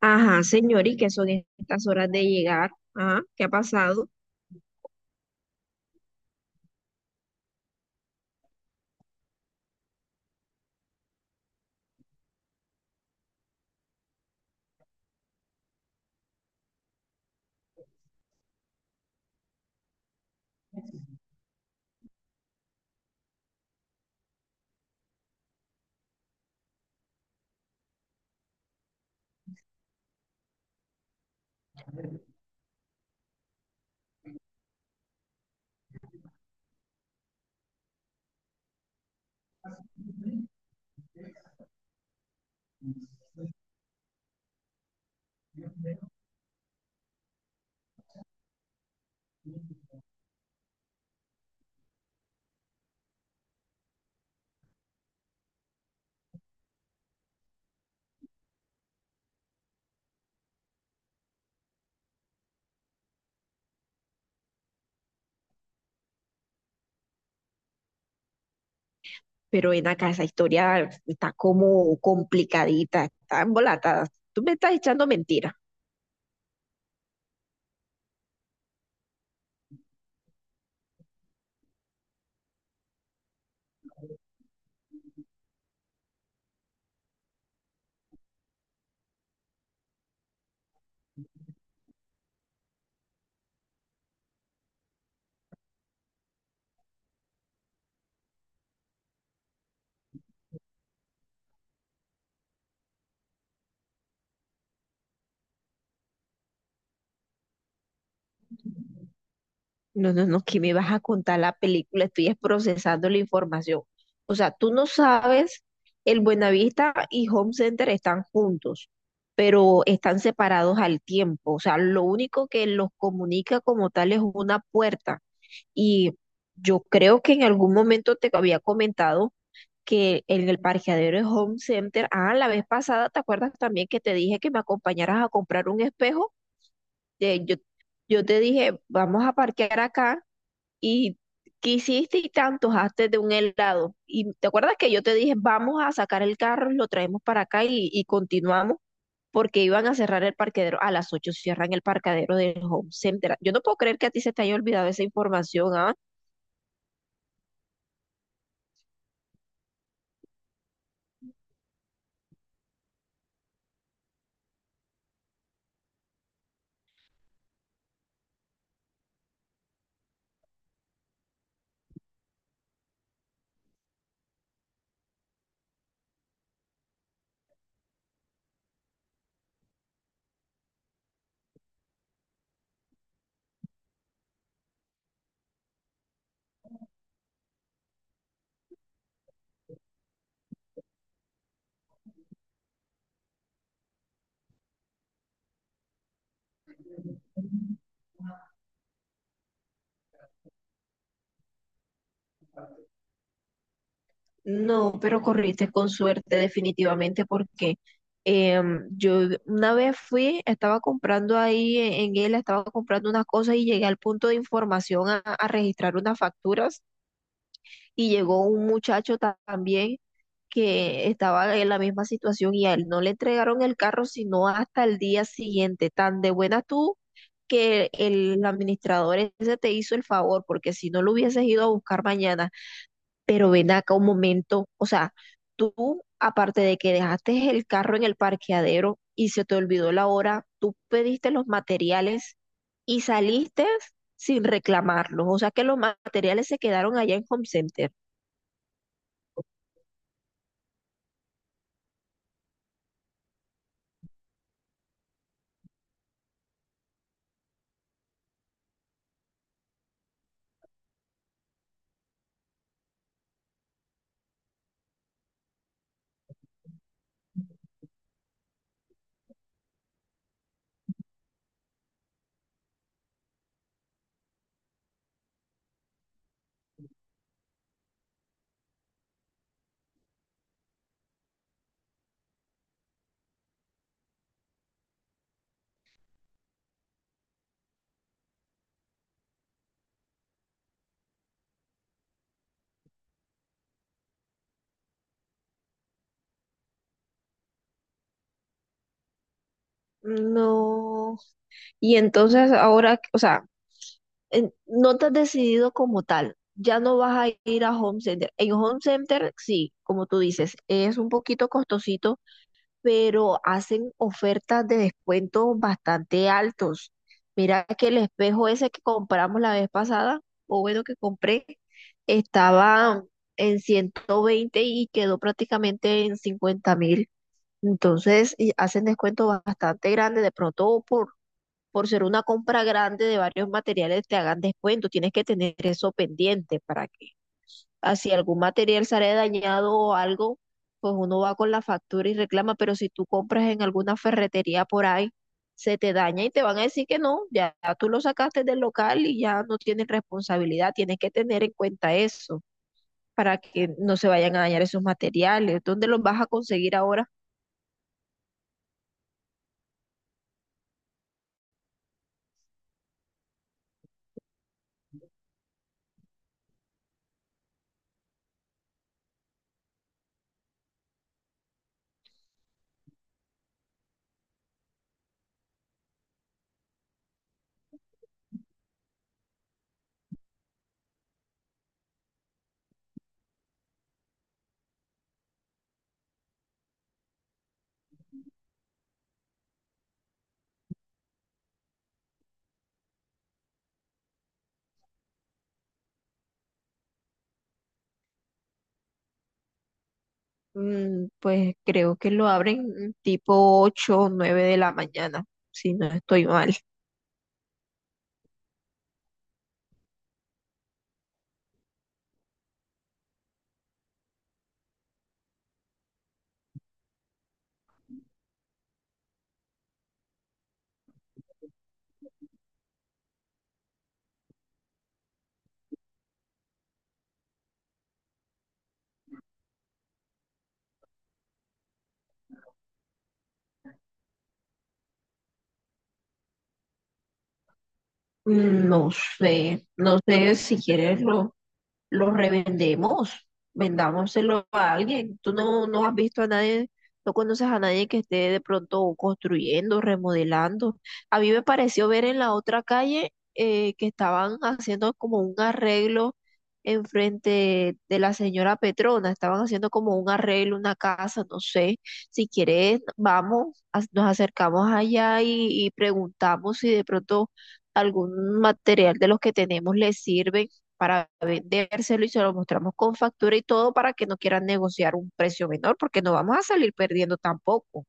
Ajá, señor, ¿y qué son estas horas de llegar? Ajá, ¿qué ha pasado? Pero ven acá, esa historia está como complicadita, está embolatada. Tú me estás echando mentiras. No, no, no, que me vas a contar la película, estoy es procesando la información. O sea, tú no sabes, el Buenavista y Home Center están juntos, pero están separados al tiempo. O sea, lo único que los comunica como tal es una puerta. Y yo creo que en algún momento te había comentado que en el parqueadero de Home Center, ah, la vez pasada, ¿te acuerdas también que te dije que me acompañaras a comprar un espejo? Eh, yo, yo te dije, vamos a parquear acá y quisiste y tanto hazte de un helado. Y te acuerdas que yo te dije, vamos a sacar el carro, lo traemos para acá y continuamos porque iban a cerrar el parqueadero. A las 8 cierran el parqueadero del home center. Yo no puedo creer que a ti se te haya olvidado esa información, ¿ah? No, pero corriste con suerte definitivamente porque yo una vez fui, estaba comprando ahí en él, estaba comprando unas cosas y llegué al punto de información a registrar unas facturas y llegó un muchacho también que estaba en la misma situación y a él no le entregaron el carro sino hasta el día siguiente. Tan de buena tú que el administrador ese te hizo el favor, porque si no lo hubieses ido a buscar mañana, pero ven acá un momento, o sea, tú, aparte de que dejaste el carro en el parqueadero y se te olvidó la hora, tú pediste los materiales y saliste sin reclamarlos, o sea que los materiales se quedaron allá en Home Center. No. Y entonces ahora, o sea, no te has decidido como tal. Ya no vas a ir a Home Center. En Home Center, sí, como tú dices, es un poquito costosito, pero hacen ofertas de descuentos bastante altos. Mira que el espejo ese que compramos la vez pasada, o bueno, que compré, estaba en 120 y quedó prácticamente en 50 mil. Entonces, y hacen descuentos bastante grandes, de pronto por ser una compra grande de varios materiales te hagan descuento. Tienes que tener eso pendiente para que así algún material sale dañado o algo, pues uno va con la factura y reclama, pero si tú compras en alguna ferretería por ahí, se te daña y te van a decir que no, ya tú lo sacaste del local y ya no tienes responsabilidad. Tienes que tener en cuenta eso para que no se vayan a dañar esos materiales. ¿Dónde los vas a conseguir ahora? Mm, pues creo que lo abren tipo 8 o 9 de la mañana, si no estoy mal. Mm, no sé, no sé si quieres los revendemos, vendámoselo a alguien. Tú no, no has visto a nadie, no conoces a nadie que esté de pronto construyendo, remodelando. A mí me pareció ver en la otra calle que estaban haciendo como un arreglo enfrente de la señora Petrona, estaban haciendo como un arreglo, una casa, no sé. Si quieres, vamos, nos acercamos allá y preguntamos si de pronto algún material de los que tenemos les sirve para vendérselo y se lo mostramos con factura y todo para que no quieran negociar un precio menor, porque no vamos a salir perdiendo tampoco.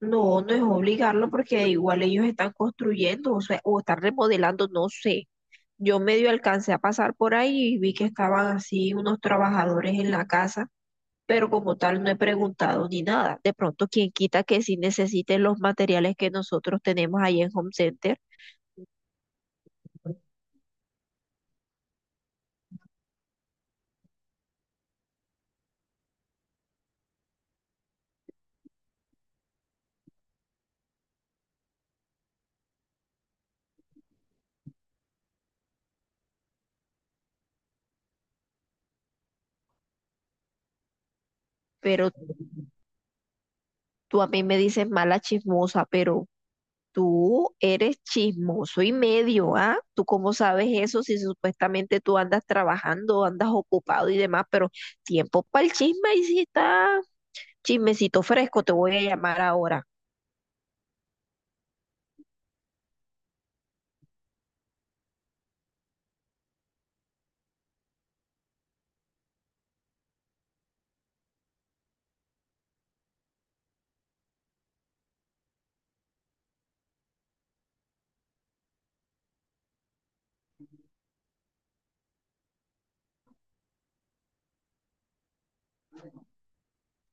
No, no es obligarlo porque igual ellos están construyendo, o sea, o están remodelando, no sé. Yo medio alcancé a pasar por ahí y vi que estaban así unos trabajadores en la casa, pero como tal no he preguntado ni nada. De pronto, quien quita que sí necesiten los materiales que nosotros tenemos ahí en Home Center, pero tú a mí me dices mala chismosa, pero tú eres chismoso y medio, ¿ah? ¿Tú cómo sabes eso si supuestamente tú andas trabajando, andas ocupado y demás, pero tiempo para el chisme? Y si está chismecito fresco, te voy a llamar ahora.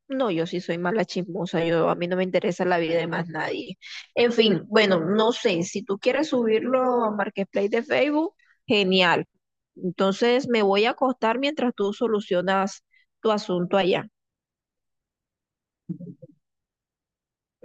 No, yo sí soy mala chismosa, yo a mí no me interesa la vida de más nadie. En fin, bueno, no sé, si tú quieres subirlo a Marketplace de Facebook, genial. Entonces me voy a acostar mientras tú solucionas tu asunto allá.